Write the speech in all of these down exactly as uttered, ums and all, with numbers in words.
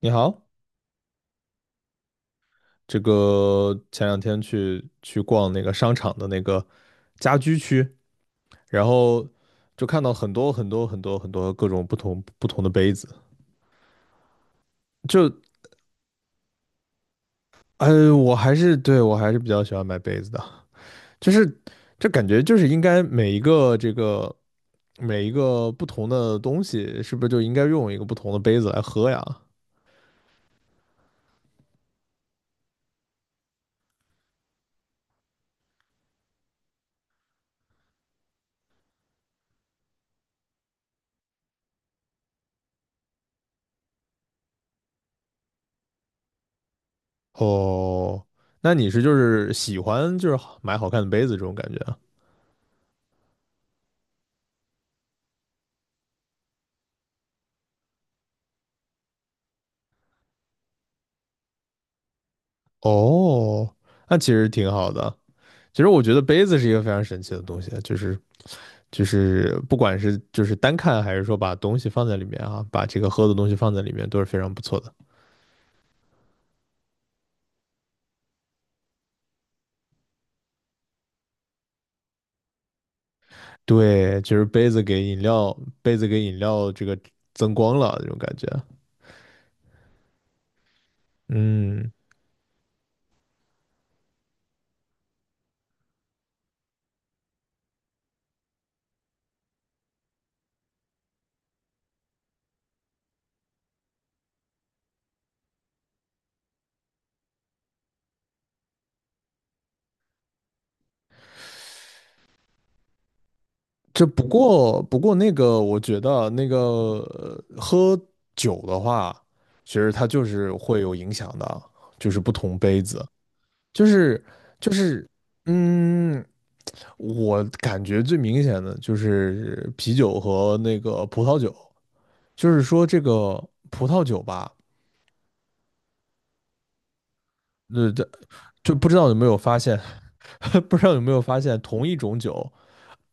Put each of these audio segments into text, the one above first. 你好，这个前两天去去逛那个商场的那个家居区，然后就看到很多很多很多很多各种不同不同的杯子，就呃，我还是对我还是比较喜欢买杯子的，就是这感觉就是应该每一个这个每一个不同的东西，是不是就应该用一个不同的杯子来喝呀？哦，那你是就是喜欢就是好买好看的杯子这种感觉啊？哦，那其实挺好的。其实我觉得杯子是一个非常神奇的东西啊，就是就是不管是就是单看还是说把东西放在里面啊，把这个喝的东西放在里面都是非常不错的。对，就是杯子给饮料，杯子给饮料这个增光了这种感觉。嗯，这不过不过那个我觉得啊那个呃喝酒的话，其实它就是会有影响的啊，就是不同杯子。就是就是，嗯，我感觉最明显的就是啤酒和那个葡萄酒，就是说这个葡萄酒吧，呃，这就不知道有没有发现，不知道有没有发现，同一种酒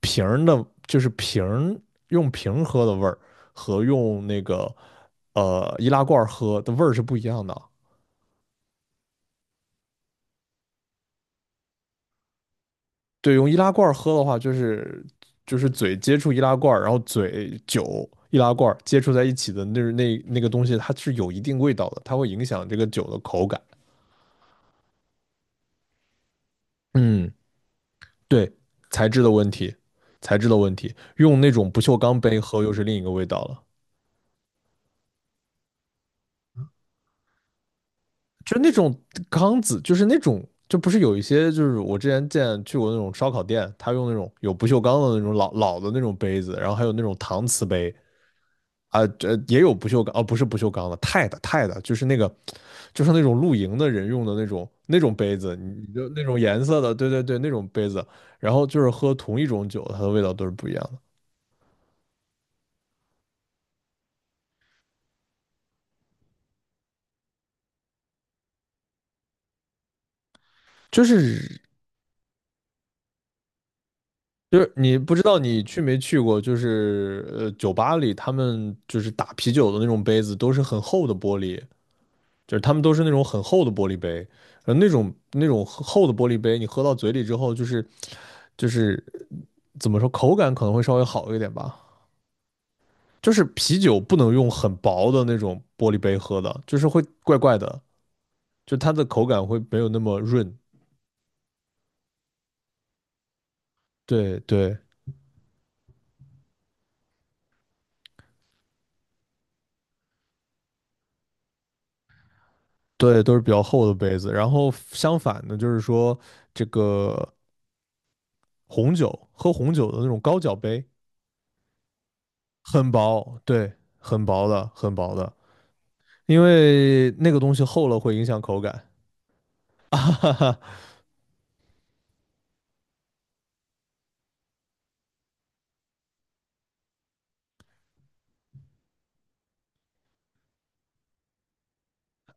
瓶儿的，就是瓶儿用瓶儿喝的味儿和用那个呃易拉罐儿喝的味儿是不一样的。对，用易拉罐儿喝的话，就是就是嘴接触易拉罐儿然后嘴酒易拉罐儿接触在一起的那那那个东西，它是有一定味道的，它会影响这个酒的口感。嗯，对，材质的问题，材质的问题，用那种不锈钢杯喝又是另一个味道了。就那种缸子，就是那种，就不是有一些，就是我之前见去过那种烧烤店，他用那种有不锈钢的那种老老的那种杯子，然后还有那种搪瓷杯，啊，这呃也有不锈钢，哦，不是不锈钢的，钛的，钛的，就是那个，就是那种露营的人用的那种那种杯子，你你就那种颜色的，对对对，那种杯子，然后就是喝同一种酒，它的味道都是不一样的，就是就是你不知道你去没去过，就是呃酒吧里他们就是打啤酒的那种杯子都是很厚的玻璃，就是他们都是那种很厚的玻璃杯，呃，那种那种厚的玻璃杯，你喝到嘴里之后，就是就是怎么说，口感可能会稍微好一点吧。就是啤酒不能用很薄的那种玻璃杯喝的，就是会怪怪的，就它的口感会没有那么润。对对对，都是比较厚的杯子。然后相反的，就是说这个红酒，喝红酒的那种高脚杯，很薄，对，很薄的，很薄的。因为那个东西厚了会影响口感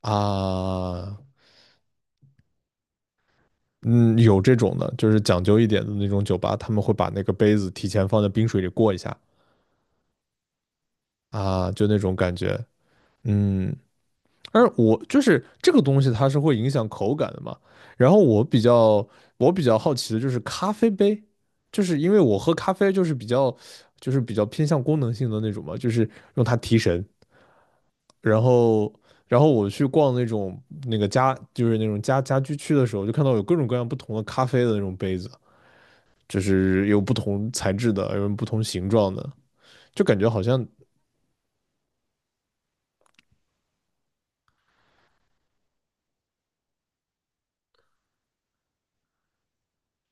啊。嗯，有这种的，就是讲究一点的那种酒吧，他们会把那个杯子提前放在冰水里过一下啊，就那种感觉。嗯，而我就是这个东西，它是会影响口感的嘛。然后我比较我比较好奇的就是咖啡杯，就是因为我喝咖啡就是比较就是比较偏向功能性的那种嘛，就是用它提神然后然后我去逛那种那个家就是那种家家居区的时候，就看到有各种各样不同的咖啡的那种杯子，就是有不同材质的，有不同形状的，就感觉好像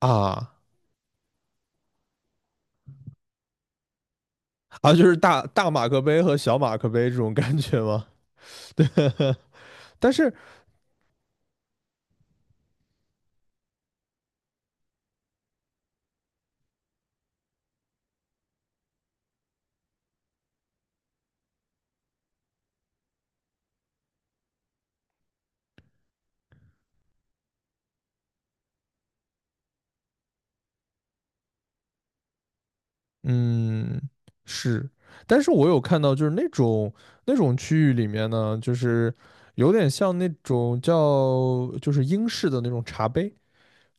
啊啊，就是大大马克杯和小马克杯这种感觉吗？对，但是嗯是，但是我有看到就是那种那种区域里面呢，就是有点像那种叫就是英式的那种茶杯。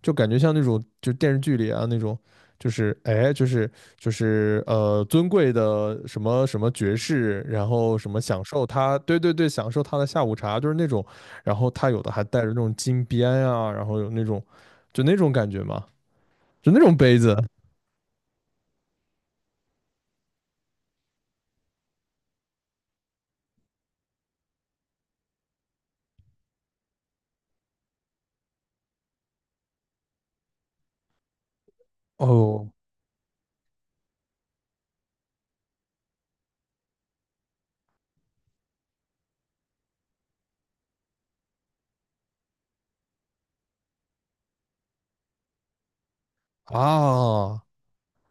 就感觉像那种就电视剧里啊那种，就是哎就是就是呃尊贵的什么什么爵士，然后什么享受他，对对对，享受他的下午茶，就是那种，然后他有的还带着那种金边啊，然后有那种就那种感觉嘛，就那种杯子哦啊，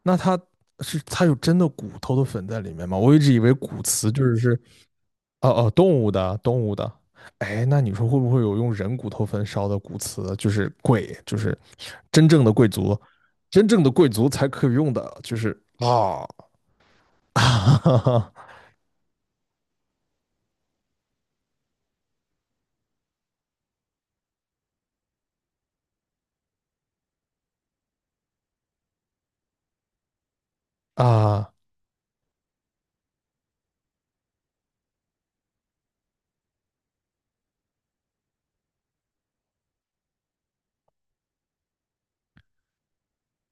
那他是他有真的骨头的粉在里面吗？我一直以为骨瓷就是是哦哦，动物的，动物的。哎，那你说会不会有用人骨头焚烧的骨瓷就是贵，就是真正的贵族，真正的贵族才可以用的，就是啊 啊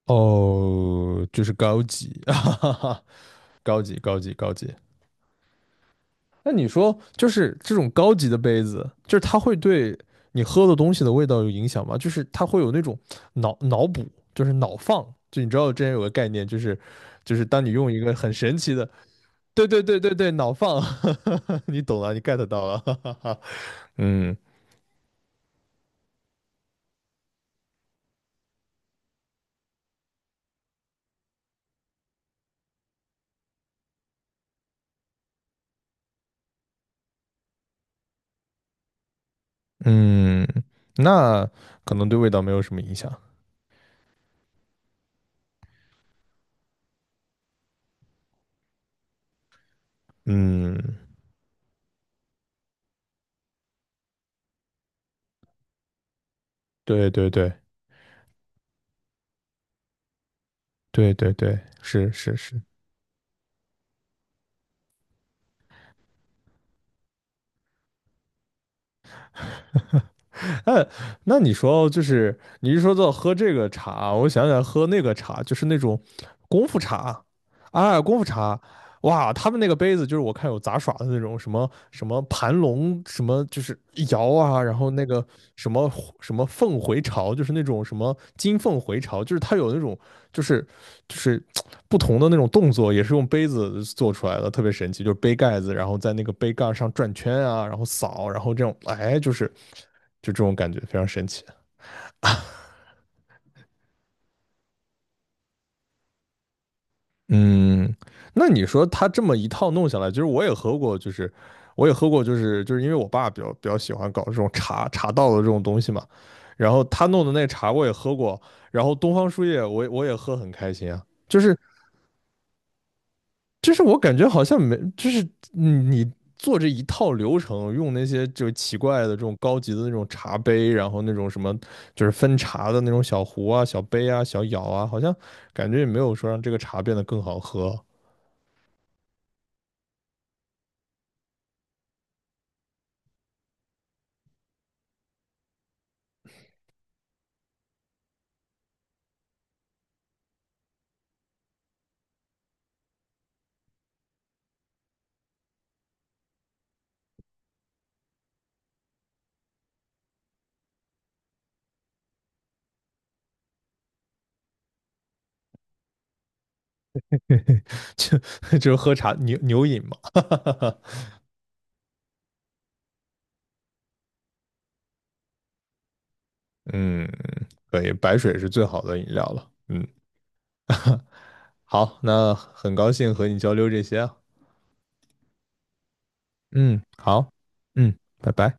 哦，就是高级，哈哈哈，高级，高级，高级。那你说，就是这种高级的杯子，就是它会对你喝的东西的味道有影响吗？就是它会有那种脑脑补，就是脑放，就你知道之前有个概念，就是就是当你用一个很神奇的，对对对对对，脑放，你懂了，你 get 到了，哈哈哈。嗯嗯，那可能对味道没有什么影响，嗯，对对对对对对，是是是，哎，那你说就是你一说到喝这个茶，我想起来喝那个茶，就是那种功夫茶，啊，功夫茶，哇，他们那个杯子就是我看有杂耍的那种什么什么盘龙，什么就是摇啊，然后那个什么什么凤回巢，就是那种什么金凤回巢，就是它有那种就是就是不同的那种动作，也是用杯子做出来的，特别神奇。就是杯盖子，然后在那个杯盖上转圈啊，然后扫，然后这种，哎，就是就这种感觉，非常神奇。嗯，那你说他这么一套弄下来，其实我也喝过，就是我也喝过，就是就是因为我爸比较比较喜欢搞这种茶茶道的这种东西嘛，然后他弄的那茶我也喝过，然后东方树叶我我也喝很开心啊。就是就是我感觉好像没，就是嗯你做这一套流程，用那些就奇怪的这种高级的那种茶杯，然后那种什么就是分茶的那种小壶啊、小杯啊、小舀啊，好像感觉也没有说让这个茶变得更好喝，就就是喝茶牛牛饮嘛，嗯，可以，白水是最好的饮料了，嗯，好，那很高兴和你交流这些啊，嗯，好，嗯，拜拜。